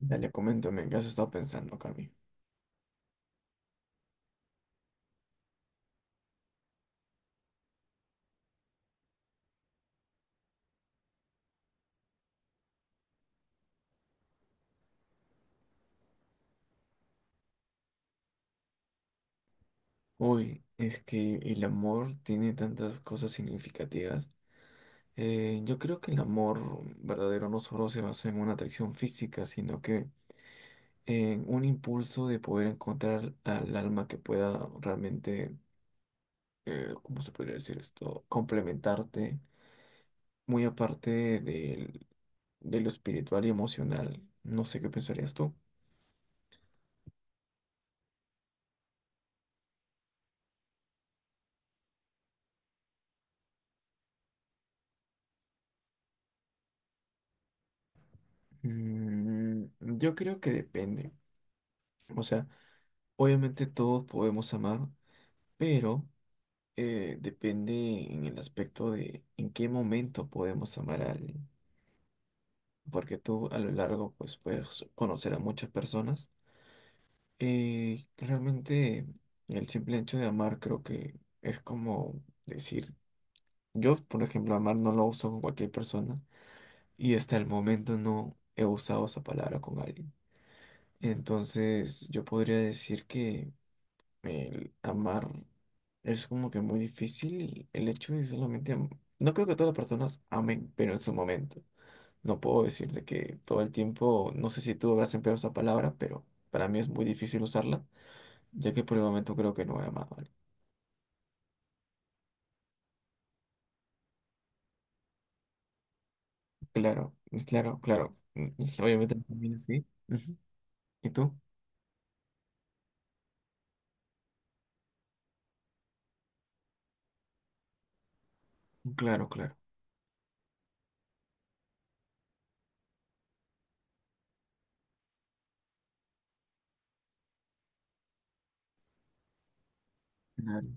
Dale, coméntame, ¿en qué has estado pensando, Cami? Uy, es que el amor tiene tantas cosas significativas. Yo creo que el amor verdadero no solo se basa en una atracción física, sino que en un impulso de poder encontrar al alma que pueda realmente, ¿cómo se podría decir esto? Complementarte, muy aparte de lo espiritual y emocional. No sé qué pensarías tú. Mm, yo creo que depende. O sea, obviamente todos podemos amar, pero depende en el aspecto de en qué momento podemos amar a alguien. Porque tú a lo largo pues puedes conocer a muchas personas. Realmente el simple hecho de amar creo que es como decir, yo por ejemplo amar no lo uso con cualquier persona y hasta el momento no he usado esa palabra con alguien. Entonces yo podría decir que el amar es como que muy difícil y el hecho de no creo que todas las personas amen, pero en su momento. No puedo decirte que todo el tiempo, no sé si tú habrás empleado esa palabra, pero para mí es muy difícil usarla, ya que por el momento creo que no he amado a alguien. Claro, claro, claro. Mm, obviamente también así. Ujú. ¿Y tú? Claro, claro. Claro.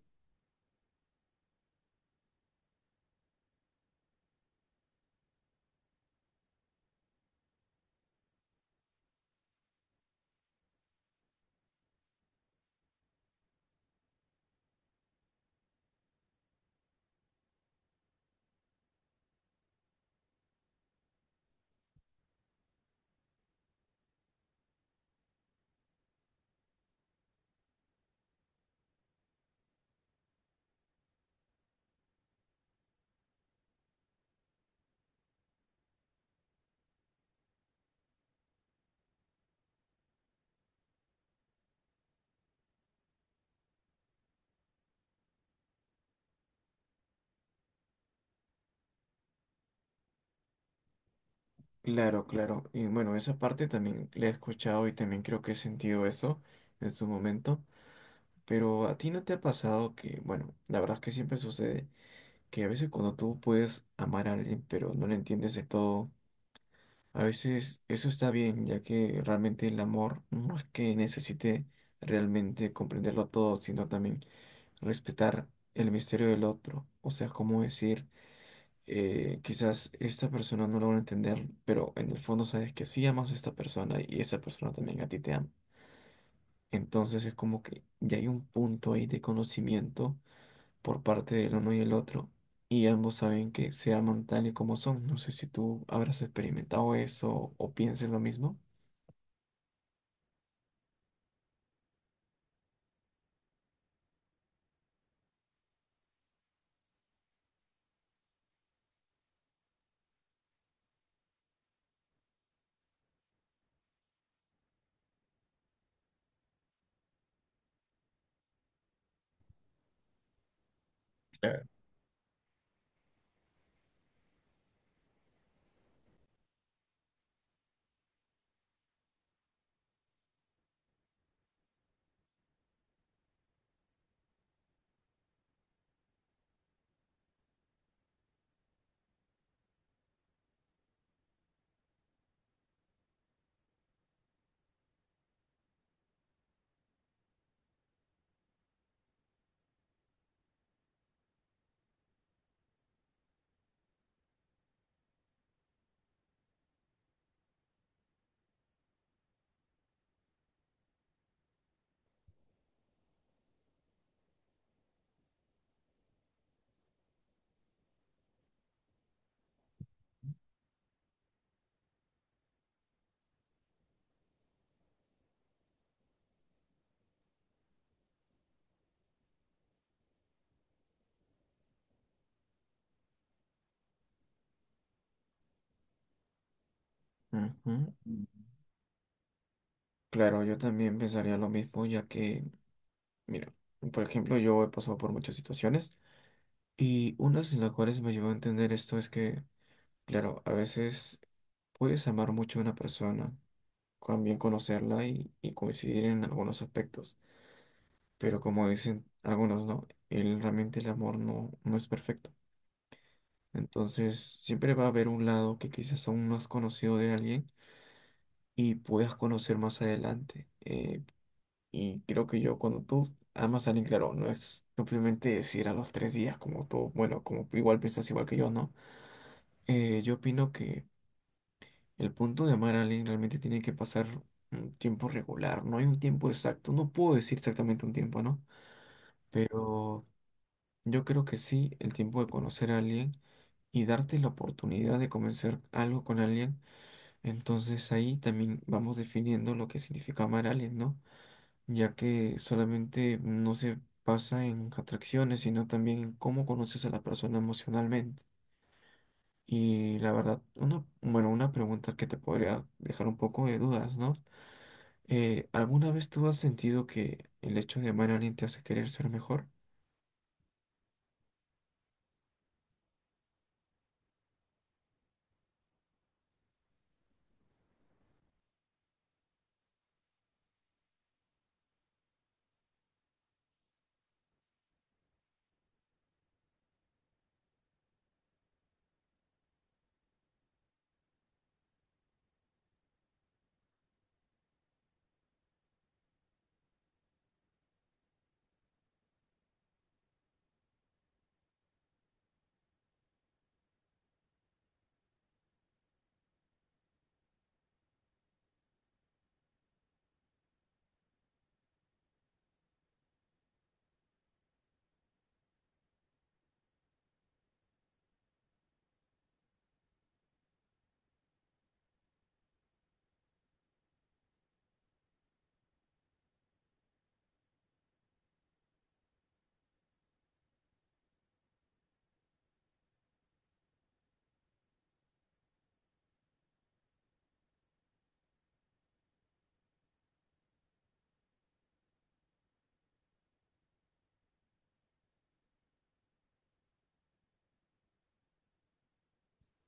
Claro, claro. Y bueno, esa parte también la he escuchado y también creo que he sentido eso en su momento. Pero a ti no te ha pasado que, bueno, la verdad es que siempre sucede que a veces cuando tú puedes amar a alguien pero no le entiendes de todo, a veces eso está bien, ya que realmente el amor no es que necesite realmente comprenderlo todo, sino también respetar el misterio del otro. O sea, como decir, quizás esta persona no lo van a entender, pero en el fondo sabes que sí amas a esta persona y esa persona también a ti te ama. Entonces es como que ya hay un punto ahí de conocimiento por parte del uno y el otro y ambos saben que se aman tal y como son. No sé si tú habrás experimentado eso o pienses lo mismo. Ujú. Claro, yo también pensaría lo mismo, ya que, mira, por ejemplo, yo he pasado por muchas situaciones y unas en las cuales me llevó a entender esto es que, claro, a veces puedes amar mucho a una persona, también conocerla y coincidir en algunos aspectos. Pero como dicen algunos, ¿no? El, realmente el amor no es perfecto. Entonces, siempre va a haber un lado que quizás aún no has conocido de alguien y puedas conocer más adelante. Y creo que yo, cuando tú amas a alguien, claro, no es simplemente decir a los tres días como tú, bueno, como igual piensas igual que yo, ¿no? Yo opino que el punto de amar a alguien realmente tiene que pasar un tiempo regular, no hay un tiempo exacto, no puedo decir exactamente un tiempo, ¿no? Pero yo creo que sí, el tiempo de conocer a alguien y darte la oportunidad de comenzar algo con alguien, entonces ahí también vamos definiendo lo que significa amar a alguien, ¿no? Ya que solamente no se pasa en atracciones, sino también en cómo conoces a la persona emocionalmente. Y la verdad, bueno, una pregunta que te podría dejar un poco de dudas, ¿no? ¿Alguna vez tú has sentido que el hecho de amar a alguien te hace querer ser mejor?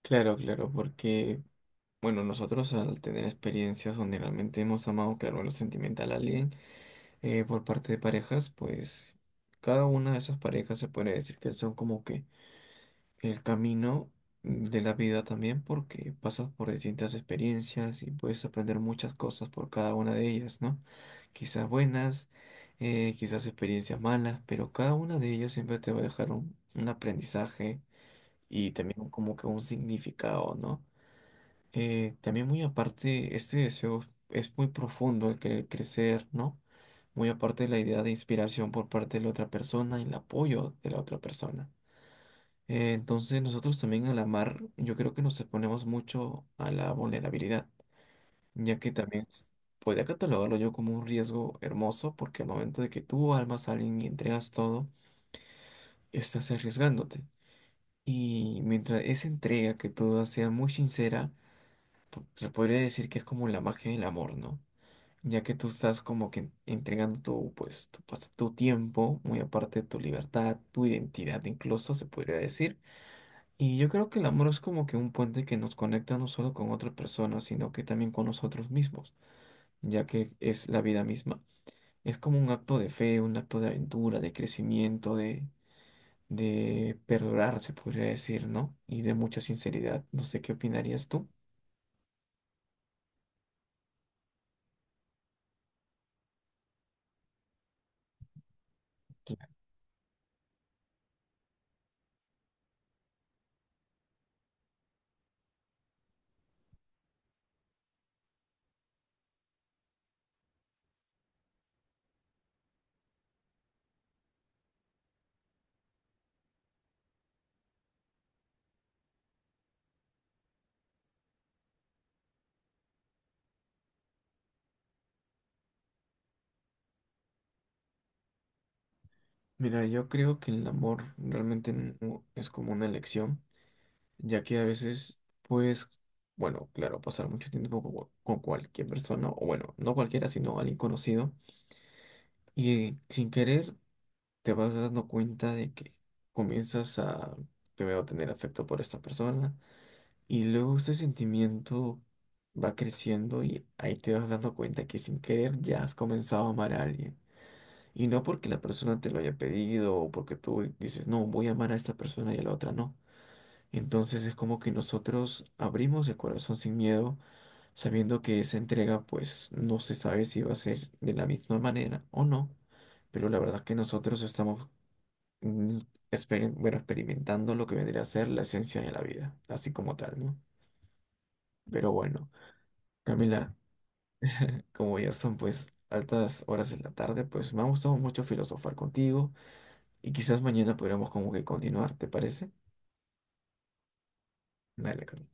Claro, claro, porque bueno, nosotros al tener experiencias donde realmente hemos amado, claro, en lo sentimental a alguien por parte de parejas, pues cada una de esas parejas se puede decir que son como que el camino de la vida también porque pasas por distintas experiencias y puedes aprender muchas cosas por cada una de ellas, ¿no? Quizás buenas, quizás experiencias malas, pero cada una de ellas siempre te va a dejar un aprendizaje y también como que un significado, ¿no? También muy aparte, este deseo es muy profundo, el querer crecer, ¿no? Muy aparte de la idea de inspiración por parte de la otra persona, y el apoyo de la otra persona. Entonces nosotros también al amar, yo creo que nos exponemos mucho a la vulnerabilidad, ya que también podría catalogarlo yo como un riesgo hermoso, porque al momento de que tú almas a alguien y entregas todo, estás arriesgándote. Y mientras esa entrega que tú das sea muy sincera, se podría decir que es como la magia del amor, ¿no? Ya que tú estás como que entregando pues, tu tiempo, muy aparte de tu libertad, tu identidad incluso, se podría decir. Y yo creo que el amor es como que un puente que nos conecta no solo con otra persona, sino que también con nosotros mismos, ya que es la vida misma. Es como un acto de fe, un acto de aventura, de crecimiento, de perdurar, se podría decir, ¿no? Y de mucha sinceridad. No sé qué opinarías tú. Claro. Mira, yo creo que el amor realmente no es como una elección, ya que a veces bueno, claro, pasar mucho tiempo con cualquier persona, o bueno, no cualquiera, sino alguien conocido, y sin querer te vas dando cuenta de que comienzas a primero tener afecto por esta persona, y luego ese sentimiento va creciendo y ahí te vas dando cuenta que sin querer ya has comenzado a amar a alguien. Y no porque la persona te lo haya pedido o porque tú dices, no, voy a amar a esta persona y a la otra no, entonces es como que nosotros abrimos el corazón sin miedo, sabiendo que esa entrega pues no se sabe si va a ser de la misma manera o no, pero la verdad que nosotros estamos mm, bueno, experimentando lo que vendría a ser la esencia de la vida, así como tal, ¿no? Pero bueno, Camila, como ya son pues altas horas de la tarde, pues me ha gustado mucho filosofar contigo y quizás mañana podremos como que continuar, ¿te parece? Dale, Camila.